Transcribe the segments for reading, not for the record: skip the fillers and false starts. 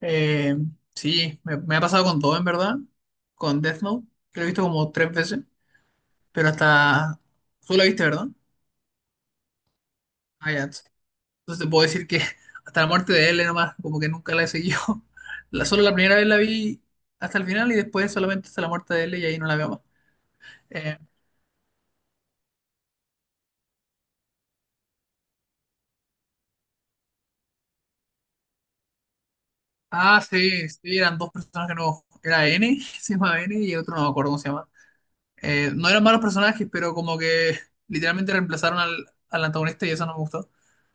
Eh, sí, me ha pasado con todo, en verdad. Con Death Note, que lo he visto como tres veces. Pero hasta... Tú la viste, ¿verdad? Ah, ya. Entonces te puedo decir que hasta la muerte de L nomás, como que nunca la he seguido. Solo la primera vez la vi hasta el final y después solamente hasta la muerte de L y ahí no la veo más. Eh, sí, sí, eran dos personajes nuevos. Era N, se llamaba N y el otro no me acuerdo cómo se llama. No eran malos personajes, pero como que literalmente reemplazaron al antagonista y eso no me gustó.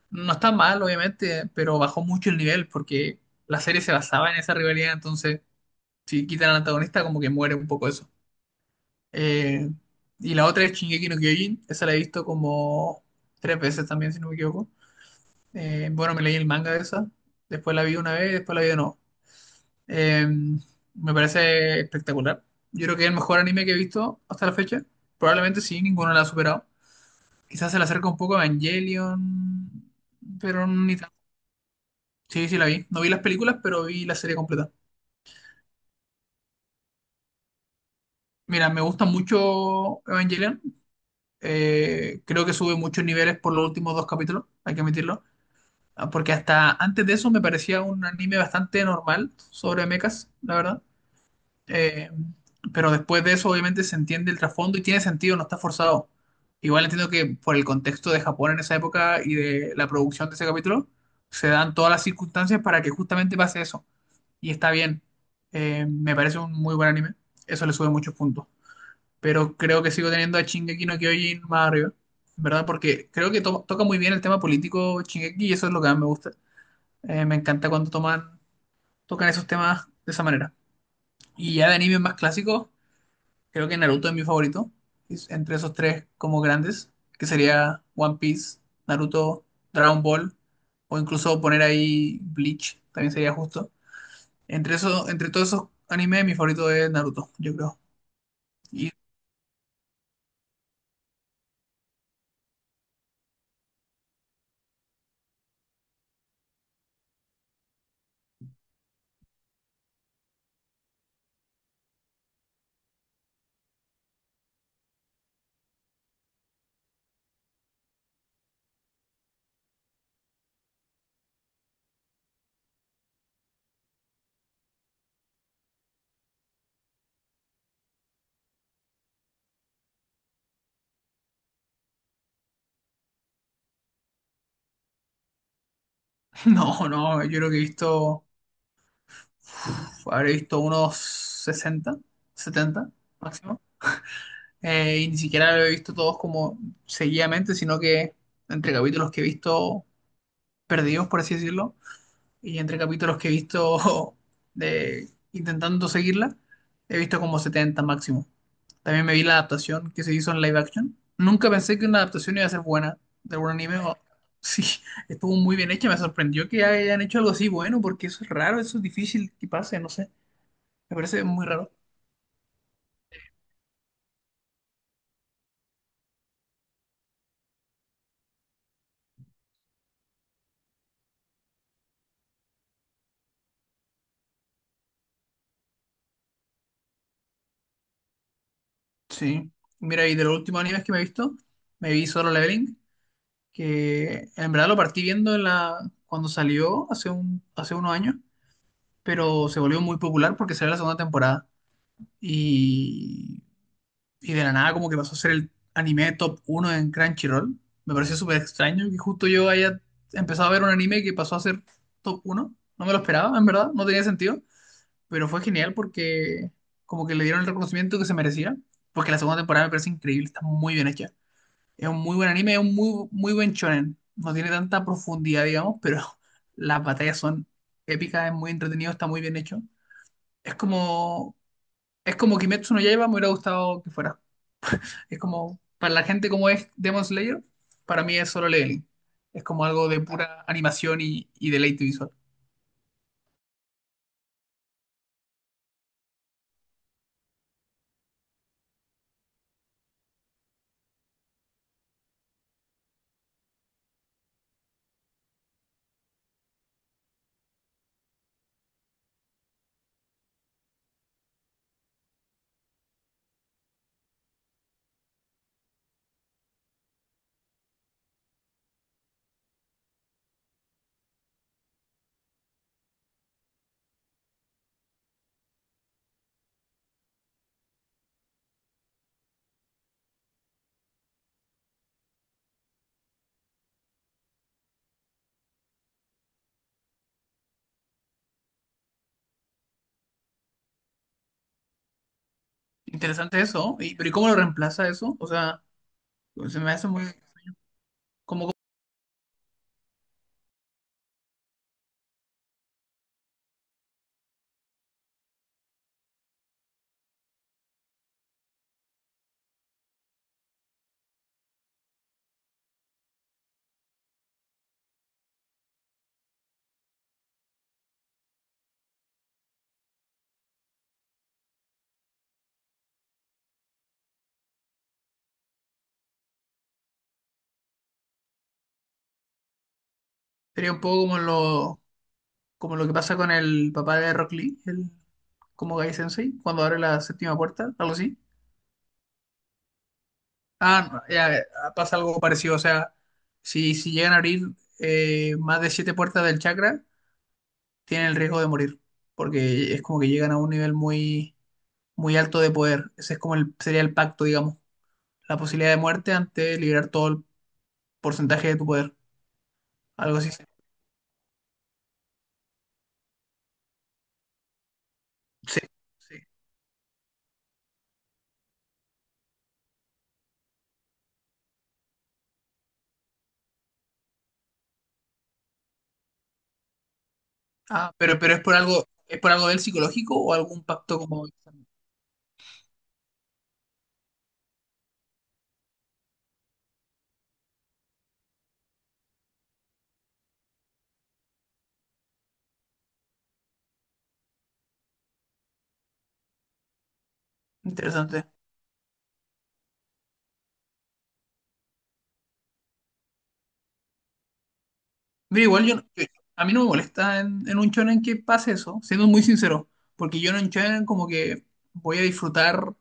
No está mal, obviamente, pero bajó mucho el nivel porque la serie se basaba en esa rivalidad, entonces si quitan al antagonista como que muere un poco eso. Eh, y la otra es Shingeki no Kyojin, esa la he visto como tres veces también, si no me equivoco. Bueno, me leí el manga de esa, después la vi una vez, después la vi de nuevo. Eh, Me parece espectacular. Yo creo que es el mejor anime que he visto hasta la fecha. Probablemente sí, ninguno la ha superado. Quizás se le acerca un poco a Evangelion, pero ni tanto. Sí, sí, la vi. No vi las películas, pero vi la serie completa. Mira, me gusta mucho Evangelion. Creo que sube muchos niveles por los últimos dos capítulos, hay que admitirlo. Ah, porque hasta antes de eso me parecía un anime bastante normal sobre mechas, la verdad. Eh, pero después de eso, obviamente, se entiende el trasfondo y tiene sentido, no está forzado. Igual entiendo que por el contexto de Japón en esa época y de la producción de ese capítulo, se dan todas las circunstancias para que justamente pase eso. Y está bien. Me parece un muy buen anime. Eso le sube muchos puntos. Pero creo que sigo teniendo a Shingeki no Kyojin más arriba, ¿verdad? Porque creo que toca muy bien el tema político Shingeki y eso es lo que más me gusta. Me encanta cuando tocan esos temas de esa manera. Y ya de animes más clásicos, creo que Naruto es mi favorito. Es entre esos tres como grandes, que sería One Piece, Naruto, Dragon Ball, o incluso poner ahí Bleach, también sería justo. Entre entre todos esos animes, mi favorito es Naruto, yo creo. Y no, no, yo creo que he uf, habré visto unos 60 70 máximo. Y ni siquiera lo he visto todos como seguidamente, sino que entre capítulos que he visto perdidos, por así decirlo, y entre capítulos que he visto de intentando seguirla, he visto como 70 máximo. También me vi la adaptación que se hizo en live action. Nunca pensé que una adaptación iba a ser buena de algún anime. Sí, estuvo muy bien hecha. Me sorprendió que hayan hecho algo así bueno, porque eso es raro, eso es difícil que pase, no sé. Me parece muy raro. Sí. Mira, y de los últimos animes que me he visto, me vi Solo Leveling, que en verdad lo partí viendo en la... cuando salió hace un... hace unos años pero se volvió muy popular porque salió la segunda temporada y, y de la nada como que pasó a ser el anime top uno en Crunchyroll. Me pareció súper extraño que justo yo haya empezado a ver un anime que pasó a ser top uno. No me lo esperaba, en verdad, no tenía sentido, pero fue genial porque como que le dieron el reconocimiento que se merecía, porque la segunda temporada me parece increíble, está muy bien hecha. Es un muy buen anime, es un muy, muy buen shonen. No tiene tanta profundidad, digamos, pero las batallas son épicas, es muy entretenido, está muy bien hecho. Es como, es como Kimetsu no Yaiba me hubiera gustado que fuera. Es como, para la gente como es Demon Slayer, para mí es solo leveling. Es como algo de pura animación y deleite visual. Interesante eso, ¿no? Y, pero ¿y cómo lo reemplaza eso? O sea, se me hace muy... Como, sería un poco como como lo que pasa con el papá de Rock Lee, como Gai Sensei, cuando abre la séptima puerta, algo así. Ah, no, ya, pasa algo parecido, o sea, si llegan a abrir más de siete puertas del chakra, tienen el riesgo de morir, porque es como que llegan a un nivel muy alto de poder. Ese es como sería el pacto, digamos, la posibilidad de muerte ante liberar todo el porcentaje de tu poder, algo así. Sí, sí. Ah, pero es por algo del psicológico o algún pacto como interesante. Mira, igual yo, a mí no me molesta en un shonen que pase eso, siendo muy sincero, porque yo en un shonen como que voy a disfrutar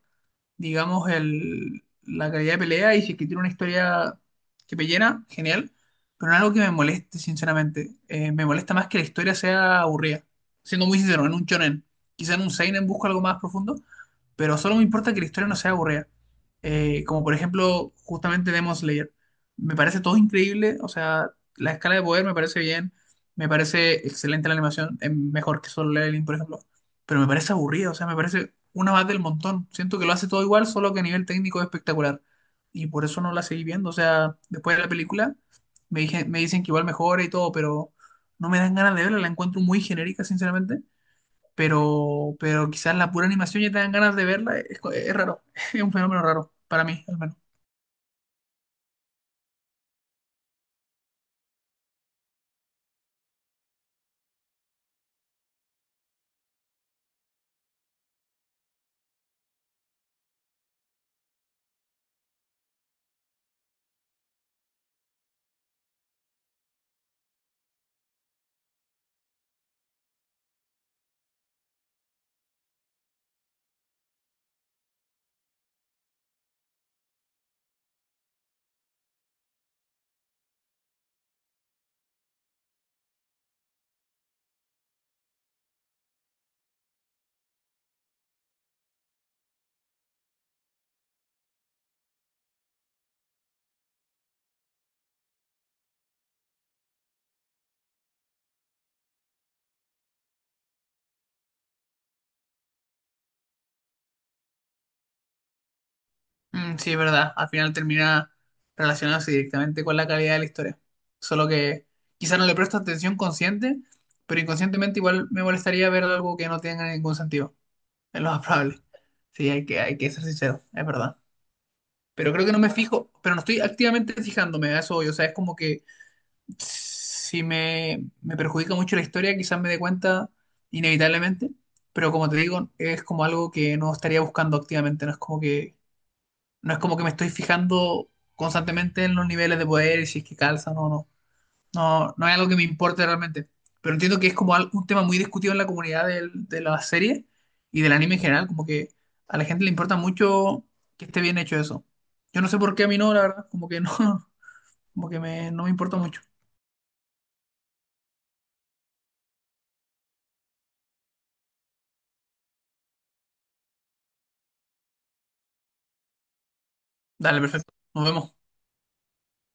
digamos, la calidad de pelea y si es que tiene una historia que me llena, genial, pero no es algo que me moleste, sinceramente. Me molesta más que la historia sea aburrida, siendo muy sincero, en un shonen. Quizá en un seinen busco algo más profundo, pero solo me importa que la historia no sea aburrida. Como por ejemplo, justamente Demon Slayer. Me parece todo increíble, o sea, la escala de poder me parece bien, me parece excelente la animación, es mejor que Solo Leveling, por ejemplo, pero me parece aburrido, o sea, me parece una más del montón. Siento que lo hace todo igual, solo que a nivel técnico es espectacular. Y por eso no la seguí viendo, o sea, después de la película me dije, me dicen que igual mejora y todo, pero no me dan ganas de verla, la encuentro muy genérica, sinceramente. Pero quizás la pura animación ya te dan ganas de verla, es raro, es un fenómeno raro, para mí, al menos. Mm, sí, es verdad. Al final termina relacionándose directamente con la calidad de la historia. Solo que quizás no le presto atención consciente, pero inconscientemente igual me molestaría ver algo que no tenga ningún sentido. Es lo más probable. Sí, hay hay que ser sincero, es verdad. Pero creo que no me fijo, pero no estoy activamente fijándome a eso hoy. O sea, es como que si me perjudica mucho la historia, quizás me dé cuenta inevitablemente. Pero como te digo, es como algo que no estaría buscando activamente. No es como que me estoy fijando constantemente en los niveles de poder y si es que calzan o no. No, no es algo que me importe realmente. Pero entiendo que es como un tema muy discutido en la comunidad de la serie y del anime en general. Como que a la gente le importa mucho que esté bien hecho eso. Yo no sé por qué a mí no, la verdad. Como que no, como que no me importa mucho. Dale, perfecto. Nos vemos.